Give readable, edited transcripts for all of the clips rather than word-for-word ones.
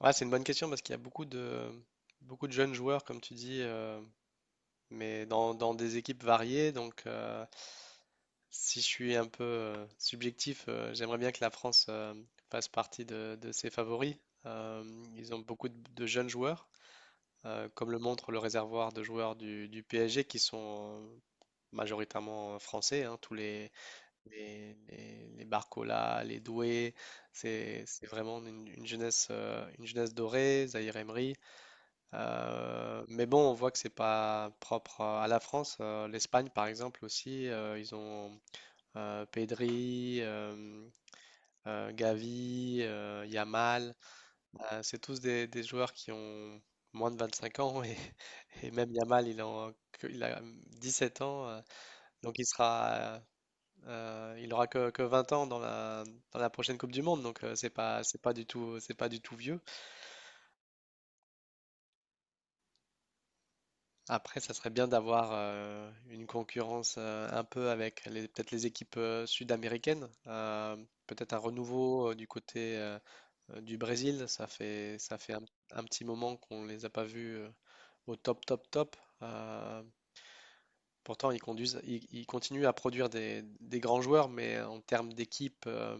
Ouais, c'est une bonne question parce qu'il y a beaucoup de jeunes joueurs, comme tu dis, mais dans des équipes variées. Donc, si je suis un peu subjectif, j'aimerais bien que la France fasse partie de ses favoris. Euh, Ils ont beaucoup de jeunes joueurs, comme le montre le réservoir de joueurs du PSG qui sont majoritairement français. Hein, tous les Barcola, les Doué, c'est vraiment une jeunesse, une jeunesse dorée, Zahir Emery. Mais bon, on voit que c'est pas propre à la France. L'Espagne, par exemple, aussi, ils ont Pedri, Gavi, Yamal. C'est tous des joueurs qui ont moins de 25 ans et, et même Yamal, il a 17 ans. Donc il sera, il aura que 20 ans dans la prochaine Coupe du Monde. Donc, c'est pas du tout vieux. Après, ça serait bien d'avoir une concurrence un peu avec peut-être les équipes sud-américaines. Peut-être un renouveau du côté du Brésil. Ça fait un petit moment qu'on les a pas vus au top, top, top. Euh, Pourtant, ils continuent à produire des grands joueurs, mais en termes d'équipe, euh,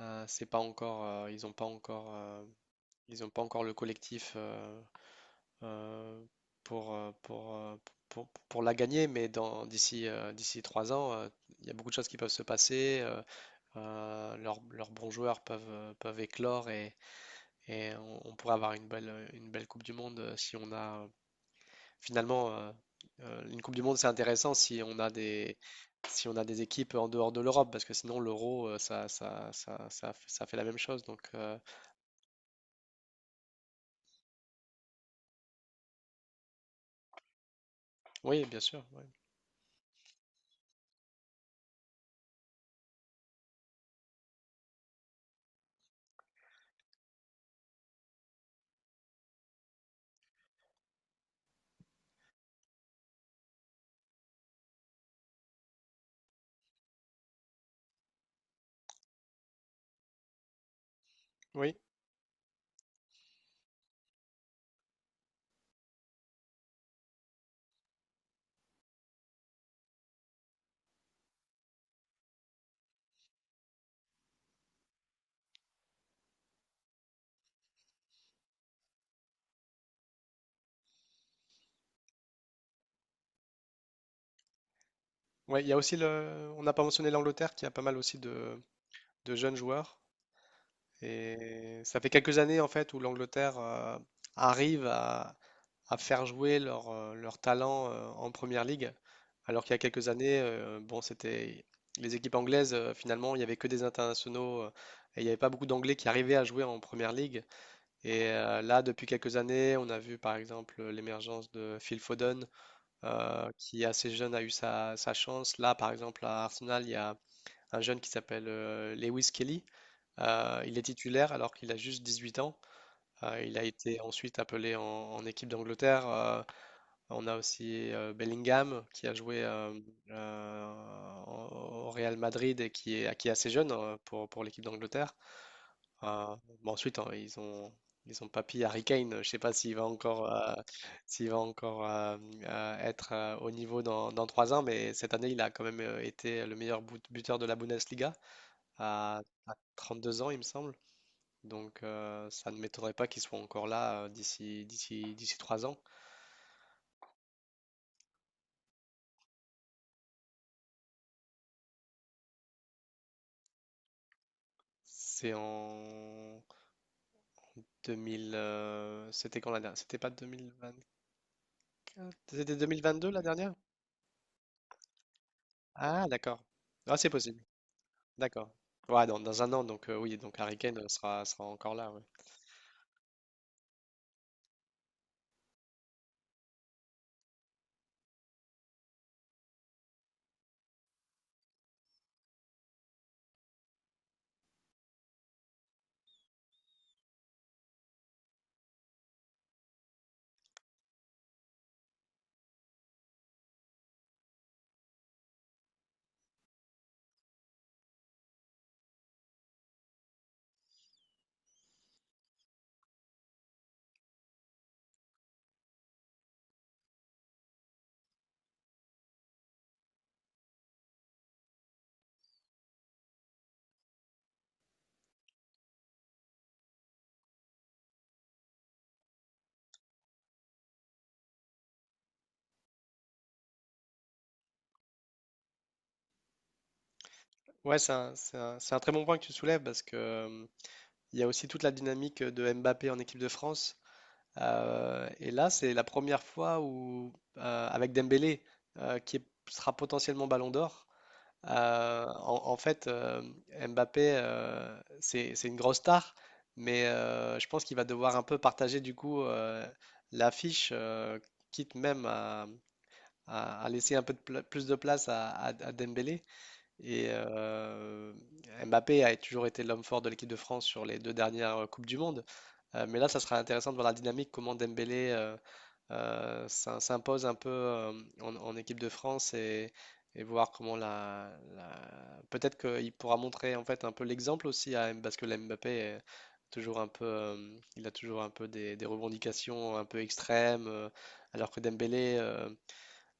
euh, c'est pas encore, ils n'ont pas encore, ils ont pas encore le collectif. Euh, euh, pour, euh, pour, euh, pour la gagner, mais d'ici 3 ans, il y a beaucoup de choses qui peuvent se passer. Leurs bons joueurs peuvent éclore et on pourrait avoir une belle Coupe du Monde si on a finalement, une Coupe du Monde, c'est intéressant si on a des équipes en dehors de l'Europe, parce que sinon l'euro, ça fait la même chose. Donc, oui, bien sûr. Oui. Oui. Ouais, il y a aussi on n'a pas mentionné l'Angleterre qui a pas mal aussi de jeunes joueurs. Et ça fait quelques années en fait où l'Angleterre arrive à faire jouer leur talent en première ligue. Alors qu'il y a quelques années, bon, c'était les équipes anglaises, finalement, il n'y avait que des internationaux et il n'y avait pas beaucoup d'anglais qui arrivaient à jouer en première ligue. Et là, depuis quelques années, on a vu par exemple l'émergence de Phil Foden, qui assez jeune a eu sa chance. Là, par exemple, à Arsenal, il y a un jeune qui s'appelle Lewis Kelly. Il est titulaire alors qu'il a juste 18 ans. Il a été ensuite appelé en équipe d'Angleterre. On a aussi Bellingham qui a joué euh, au Real Madrid et qui est assez jeune pour l'équipe d'Angleterre. Euh, bon, ensuite, hein, ils ont papy Harry Kane. Je ne sais pas s'il va encore être au niveau dans 3 ans, mais cette année, il a quand même été le meilleur buteur de la Bundesliga à, à 32 ans, il me semble. Donc, ça ne m'étonnerait pas qu'il soit encore là d'ici 3 ans. C'est en 2000. C'était quand la dernière? C'était pas 2024? C'était 2022 la dernière? Ah, d'accord. Ah, c'est possible. D'accord. Ouais, dans un an, donc oui, donc Harry Kane sera encore là. Ouais. Ouais, c'est un très bon point que tu soulèves parce que il y a aussi toute la dynamique de Mbappé en équipe de France. Et là, c'est la première fois où, avec Dembélé, sera potentiellement Ballon d'Or, en fait, Mbappé, c'est une grosse star, mais je pense qu'il va devoir un peu partager du coup l'affiche, quitte même à laisser un peu plus de place à Dembélé. Et Mbappé a toujours été l'homme fort de l'équipe de France sur les deux dernières Coupes du Monde. Mais là, ça sera intéressant de voir la dynamique, comment Dembélé ça s'impose un peu en équipe de France et voir comment peut-être qu'il pourra montrer en fait un peu l'exemple aussi parce que la Mbappé est toujours un peu il a toujours un peu des revendications un peu extrêmes alors que Dembélé,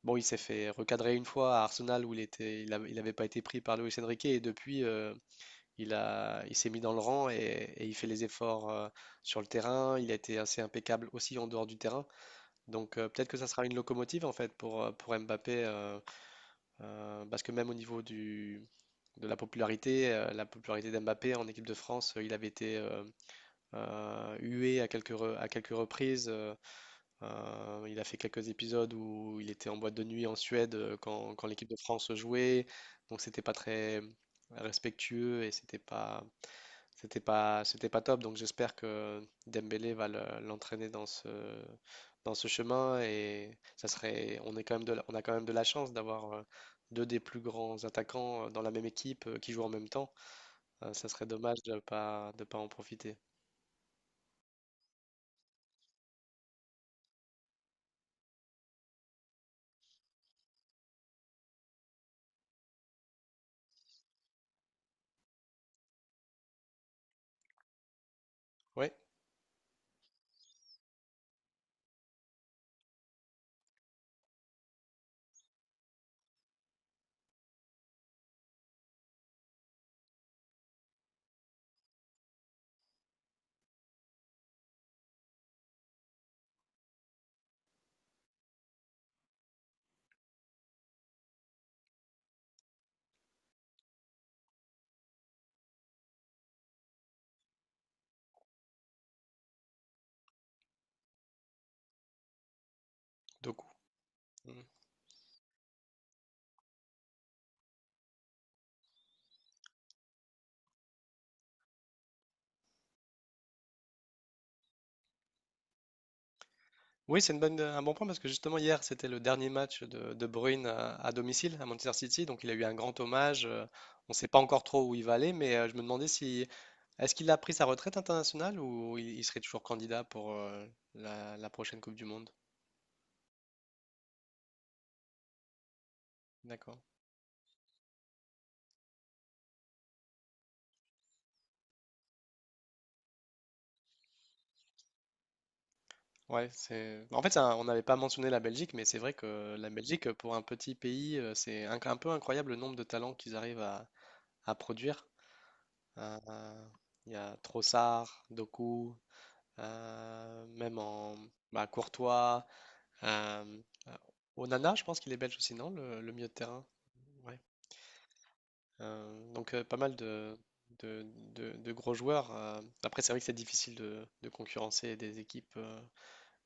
bon, il s'est fait recadrer une fois à Arsenal où il avait pas été pris par Luis Enrique et depuis, il s'est mis dans le rang et il fait les efforts sur le terrain. Il a été assez impeccable aussi en dehors du terrain, donc peut-être que ça sera une locomotive en fait pour Mbappé, parce que même au niveau de la popularité d'Mbappé en équipe de France, il avait été hué à quelques reprises. Il a fait quelques épisodes où il était en boîte de nuit en Suède quand l'équipe de France jouait, donc c'était pas très respectueux et c'était pas top, donc j'espère que Dembélé l'entraîner dans ce chemin, et ça serait, on est quand même de la- on a quand même de la chance d'avoir deux des plus grands attaquants dans la même équipe qui jouent en même temps. Ça serait dommage de pas en profiter. Ouais, Doku. Oui, c'est un bon point parce que justement hier, c'était le dernier match de Bruyne à domicile à Manchester City, donc il a eu un grand hommage. On ne sait pas encore trop où il va aller, mais je me demandais si est-ce qu'il a pris sa retraite internationale ou il serait toujours candidat pour la prochaine Coupe du Monde. D'accord. Ouais. c'est. En fait, on n'avait pas mentionné la Belgique, mais c'est vrai que la Belgique, pour un petit pays, c'est un peu incroyable le nombre de talents qu'ils arrivent à produire. Euh, Il y a Trossard, Doku. Même en, bah, Courtois. euh, euh, Onana, je pense qu'il est belge aussi, non? Le milieu de terrain. Ouais. Donc, pas mal de, de gros joueurs. Après, c'est vrai que c'est difficile de concurrencer des équipes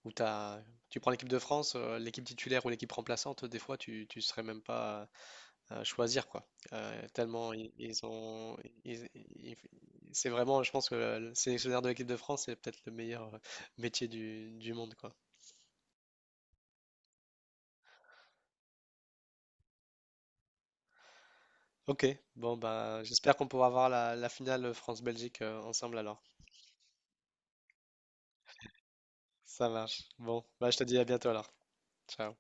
où tu prends l'équipe de France, l'équipe titulaire ou l'équipe remplaçante, des fois tu ne serais même pas à choisir quoi. Tellement i- ils, ont, ils- ils- C'est vraiment, je pense que le sélectionneur de l'équipe de France, c'est peut-être le meilleur métier du monde quoi. Ok, bon bah j'espère qu'on pourra voir la finale France-Belgique ensemble alors. Ça marche. Bon, bah je te dis à bientôt alors. Ciao.